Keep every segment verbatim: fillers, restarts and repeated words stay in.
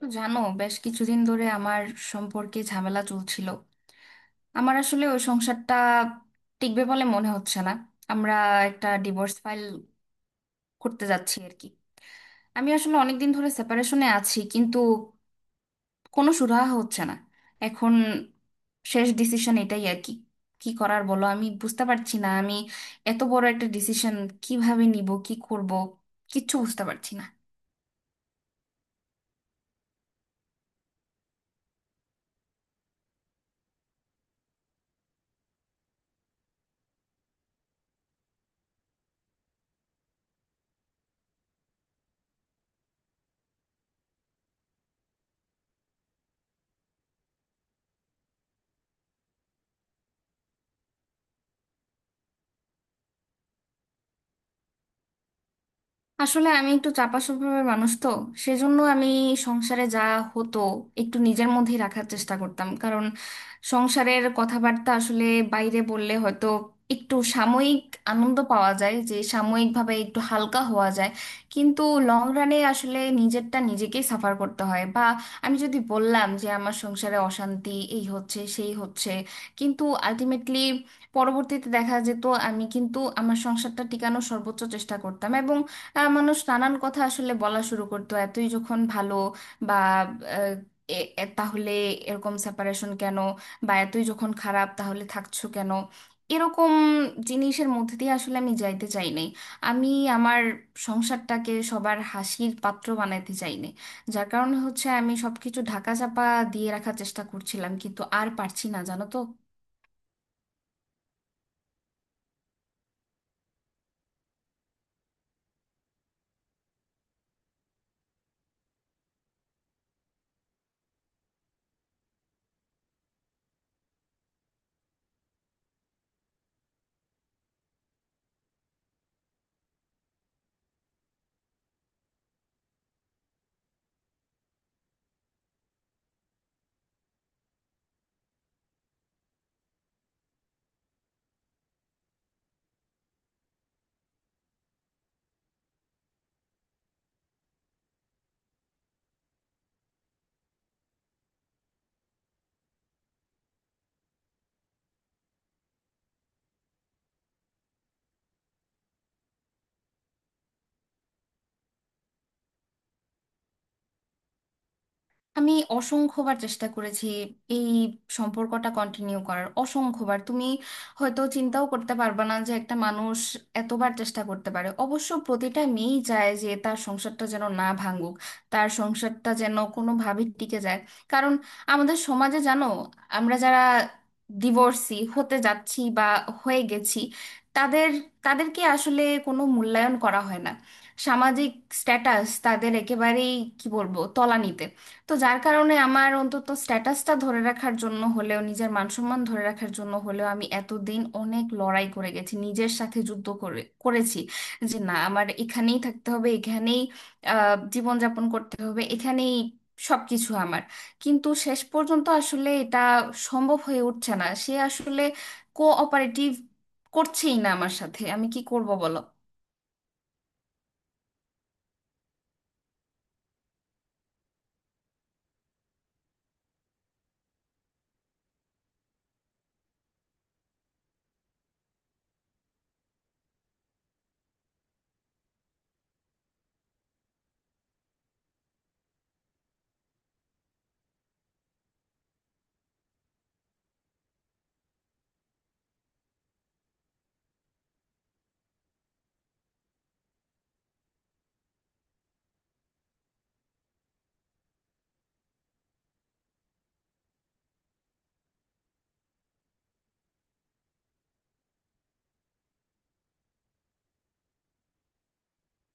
তো জানো, বেশ কিছুদিন ধরে আমার সম্পর্কে ঝামেলা চলছিল। আমার আসলে ওই সংসারটা টিকবে বলে মনে হচ্ছে না। আমরা একটা ডিভোর্স ফাইল করতে যাচ্ছি আর কি। আমি আসলে অনেকদিন ধরে সেপারেশনে আছি, কিন্তু কোনো সুরাহা হচ্ছে না। এখন শেষ ডিসিশন এটাই আর কি। কি করার বলো, আমি বুঝতে পারছি না। আমি এত বড় একটা ডিসিশন কিভাবে নিব, কি করব কিচ্ছু বুঝতে পারছি না। আসলে আমি একটু চাপা স্বভাবের মানুষ তো, সেজন্য আমি সংসারে যা হতো একটু নিজের মধ্যেই রাখার চেষ্টা করতাম। কারণ সংসারের কথাবার্তা আসলে বাইরে বললে হয়তো একটু সাময়িক আনন্দ পাওয়া যায়, যে সাময়িকভাবে একটু হালকা হওয়া যায়, কিন্তু লং রানে আসলে নিজেরটা নিজেকেই সাফার করতে হয়। বা আমি যদি বললাম যে আমার সংসারে অশান্তি এই হচ্ছে সেই হচ্ছে, কিন্তু আলটিমেটলি পরবর্তীতে দেখা যেত আমি কিন্তু আমার সংসারটা টিকানোর সর্বোচ্চ চেষ্টা করতাম। আহ, মানুষ নানান কথা আসলে বলা শুরু করতো, এতই যখন ভালো বা আহ, এ- এ- তাহলে এরকম সেপারেশন কেন, বা এতই যখন খারাপ তাহলে থাকছো কেন, এরকম জিনিসের মধ্যে দিয়ে আসলে আমি যাইতে চাইনি। আমি আমার সংসারটাকে সবার হাসির পাত্র বানাইতে চাইনি, যার কারণে হচ্ছে আমি সবকিছু ঢাকা চাপা দিয়ে রাখার চেষ্টা করছিলাম, কিন্তু আর পারছি না জানো তো। আমি অসংখ্যবার চেষ্টা করেছি এই সম্পর্কটা কন্টিনিউ করার। অসংখ্যবার, তুমি হয়তো চিন্তাও করতে পারবে না যে একটা মানুষ এতবার চেষ্টা করতে পারে। অবশ্য প্রতিটা মেয়েই চায় যে তার সংসারটা যেন না ভাঙুক, তার সংসারটা যেন কোনোভাবে টিকে যায়। কারণ আমাদের সমাজে জানো, আমরা যারা ডিভোর্সি হতে যাচ্ছি বা হয়ে গেছি, তাদের তাদেরকে আসলে কোনো মূল্যায়ন করা হয় না। সামাজিক স্ট্যাটাস তাদের একেবারেই কি বলবো তলানিতে। তো যার কারণে আমার অন্তত স্ট্যাটাসটা ধরে রাখার জন্য হলেও, নিজের মানসম্মান ধরে রাখার জন্য হলেও আমি এতদিন অনেক লড়াই করে গেছি, নিজের সাথে যুদ্ধ করে করেছি যে না, আমার এখানেই থাকতে হবে, এখানেই আহ, জীবনযাপন করতে হবে, এখানেই সবকিছু আমার। কিন্তু শেষ পর্যন্ত আসলে এটা সম্ভব হয়ে উঠছে না। সে আসলে কোঅপারেটিভ করছেই না আমার সাথে, আমি কি করব বলো।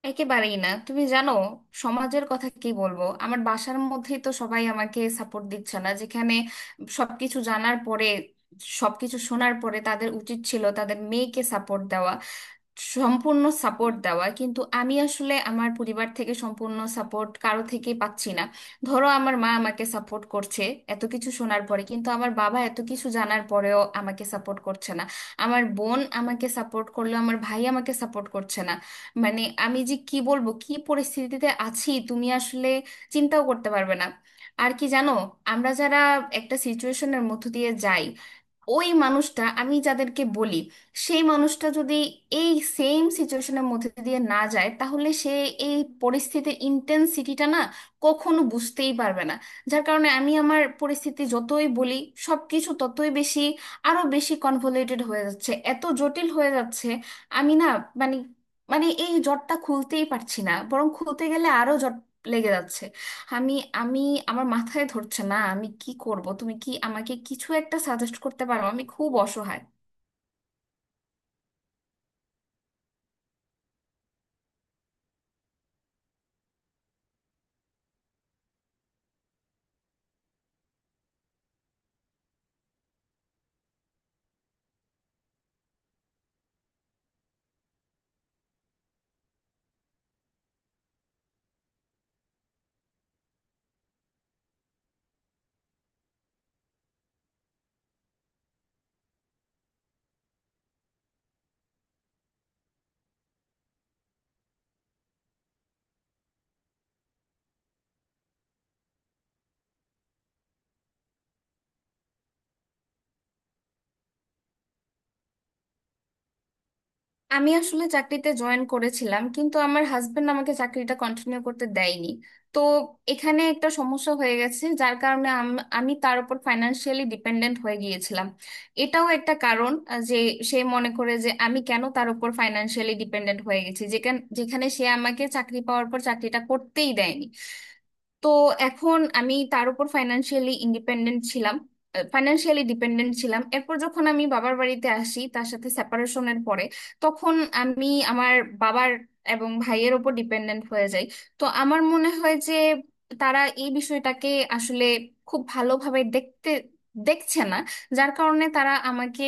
একেবারেই না, তুমি জানো সমাজের কথা কি বলবো, আমার বাসার মধ্যেই তো সবাই আমাকে সাপোর্ট দিচ্ছে না, যেখানে সবকিছু জানার পরে, সবকিছু শোনার পরে তাদের উচিত ছিল তাদের মেয়েকে সাপোর্ট দেওয়া, সম্পূর্ণ সাপোর্ট দেওয়া। কিন্তু আমি আসলে আমার পরিবার থেকে সম্পূর্ণ সাপোর্ট কারো থেকে পাচ্ছি না। ধরো আমার মা আমাকে সাপোর্ট করছে এত কিছু শোনার পরে, কিন্তু আমার বাবা এত কিছু জানার পরেও আমাকে সাপোর্ট করছে না। আমার বোন আমাকে সাপোর্ট করলো, আমার ভাই আমাকে সাপোর্ট করছে না। মানে আমি যে কি বলবো, কি পরিস্থিতিতে আছি তুমি আসলে চিন্তাও করতে পারবে না। আর কি জানো, আমরা যারা একটা সিচুয়েশনের মধ্য দিয়ে যাই, ওই মানুষটা আমি যাদেরকে বলি, সেই মানুষটা যদি এই সেম সিচুয়েশনের মধ্যে দিয়ে না যায়, তাহলে সে এই পরিস্থিতির ইন্টেন্সিটিটা না কখনো বুঝতেই পারবে না। যার কারণে আমি আমার পরিস্থিতি যতই বলি, সব কিছু ততই বেশি আরো বেশি কনভলিউটেড হয়ে যাচ্ছে, এত জটিল হয়ে যাচ্ছে। আমি না, মানে মানে এই জটটা খুলতেই পারছি না, বরং খুলতে গেলে আরো জট লেগে যাচ্ছে। আমি আমি আমার মাথায় ধরছে না আমি কি করব। তুমি কি আমাকে কিছু একটা সাজেস্ট করতে পারো? আমি খুব অসহায়। আমি আসলে চাকরিতে জয়েন করেছিলাম, কিন্তু আমার হাজবেন্ড আমাকে চাকরিটা কন্টিনিউ করতে দেয়নি। তো এখানে একটা সমস্যা হয়ে গেছে, যার কারণে আম- আমি তার উপর ফাইনান্সিয়ালি ডিপেন্ডেন্ট হয়ে গিয়েছিলাম। এটাও একটা কারণ আহ, যে সে মনে করে যে আমি কেন তার উপর ফাইনান্সিয়ালি ডিপেন্ডেন্ট হয়ে গেছি, যেখানে যেখানে সে আমাকে চাকরি পাওয়ার পর চাকরিটা করতেই দেয়নি। তো এখন আমি তার উপর ফাইনান্সিয়ালি ইন্ডিপেন্ডেন্ট ছিলাম, ফাইনান্সিয়ালি ডিপেন্ডেন্ট ছিলাম। এরপর যখন আমি বাবার বাড়িতে আসি তার সাথে সেপারেশনের পরে, তখন আমি আমার বাবার এবং ভাইয়ের ওপর ডিপেন্ডেন্ট হয়ে যাই। তো আমার মনে হয় যে তারা এই বিষয়টাকে আসলে খুব ভালোভাবে দেখতে দেখছে না। যার কারণে তারা আমাকে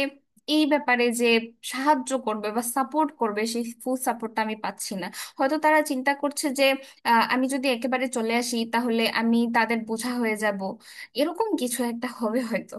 এই ব্যাপারে যে সাহায্য করবে বা সাপোর্ট করবে, সেই ফুল সাপোর্টটা আমি পাচ্ছি না। হয়তো তারা চিন্তা করছে আহ, আমি যদি একেবারে চলে আসি তাহলে আমি তাদের বোঝা হয়ে যাব, এরকম কিছু একটা হবে হয়তো।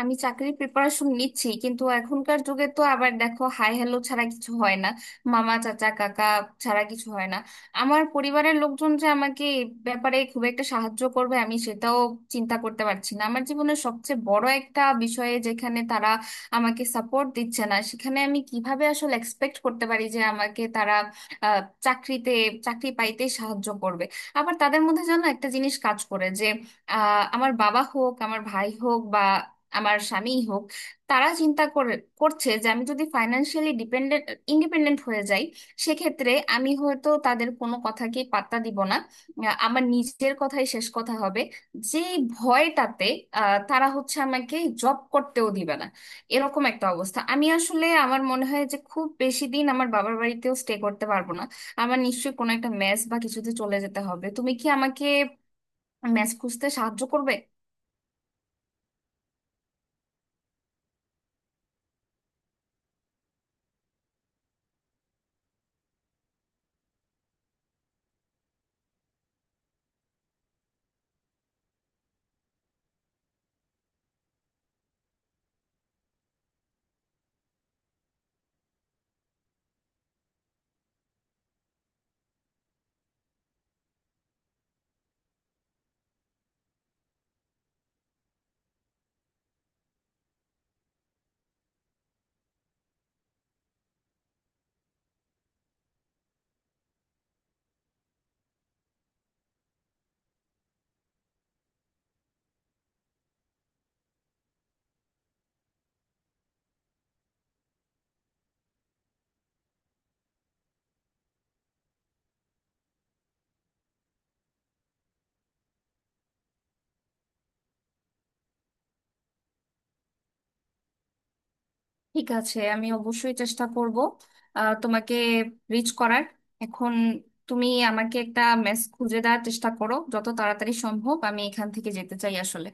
আমি চাকরির প্রিপারেশন নিচ্ছি, কিন্তু এখনকার যুগে তো আবার দেখো হাই হ্যালো ছাড়া কিছু হয় না, মামা চাচা কাকা ছাড়া কিছু হয় না। আমার পরিবারের লোকজন যে আমাকে এই ব্যাপারে খুব একটা সাহায্য করবে আমি সেটাও চিন্তা করতে পারছি না। আমার জীবনের সবচেয়ে বড় একটা বিষয়ে যেখানে তারা আমাকে সাপোর্ট দিচ্ছে না, সেখানে আমি কিভাবে আসলে এক্সপেক্ট করতে পারি যে আমাকে তারা আহ, চাকরিতে চাকরি পাইতে সাহায্য করবে। আবার তাদের মধ্যে যেন একটা জিনিস কাজ করে যে আহ, আমার বাবা হোক, আমার ভাই হোক, বা আমার স্বামীই হোক, তারা চিন্তা করে করছে যে আমি যদি ফাইন্যান্সিয়ালি ডিপেন্ডেন্ট ইন্ডিপেন্ডেন্ট হয়ে যাই, সেক্ষেত্রে আমি হয়তো তাদের কোনো কথাকে পাত্তা দিব না, আহ, আমার নিজের কথাই শেষ কথা হবে। যে ভয়টাতে আহ, তারা হচ্ছে আমাকে জব করতেও দিবে না, এরকম একটা অবস্থা। আমি আসলে আমার মনে হয় যে খুব বেশি দিন আমার বাবার বাড়িতেও স্টে করতে পারবো না। আমার নিশ্চয়ই কোনো একটা মেস বা কিছুতে চলে যেতে হবে। তুমি কি আমাকে মেস খুঁজতে সাহায্য করবে? ঠিক আছে, আমি অবশ্যই চেষ্টা করব আহ, তোমাকে রিচ করার। এখন তুমি আমাকে একটা মেস খুঁজে দেওয়ার চেষ্টা করো, যত তাড়াতাড়ি সম্ভব আমি এখান থেকে যেতে চাই আসলে।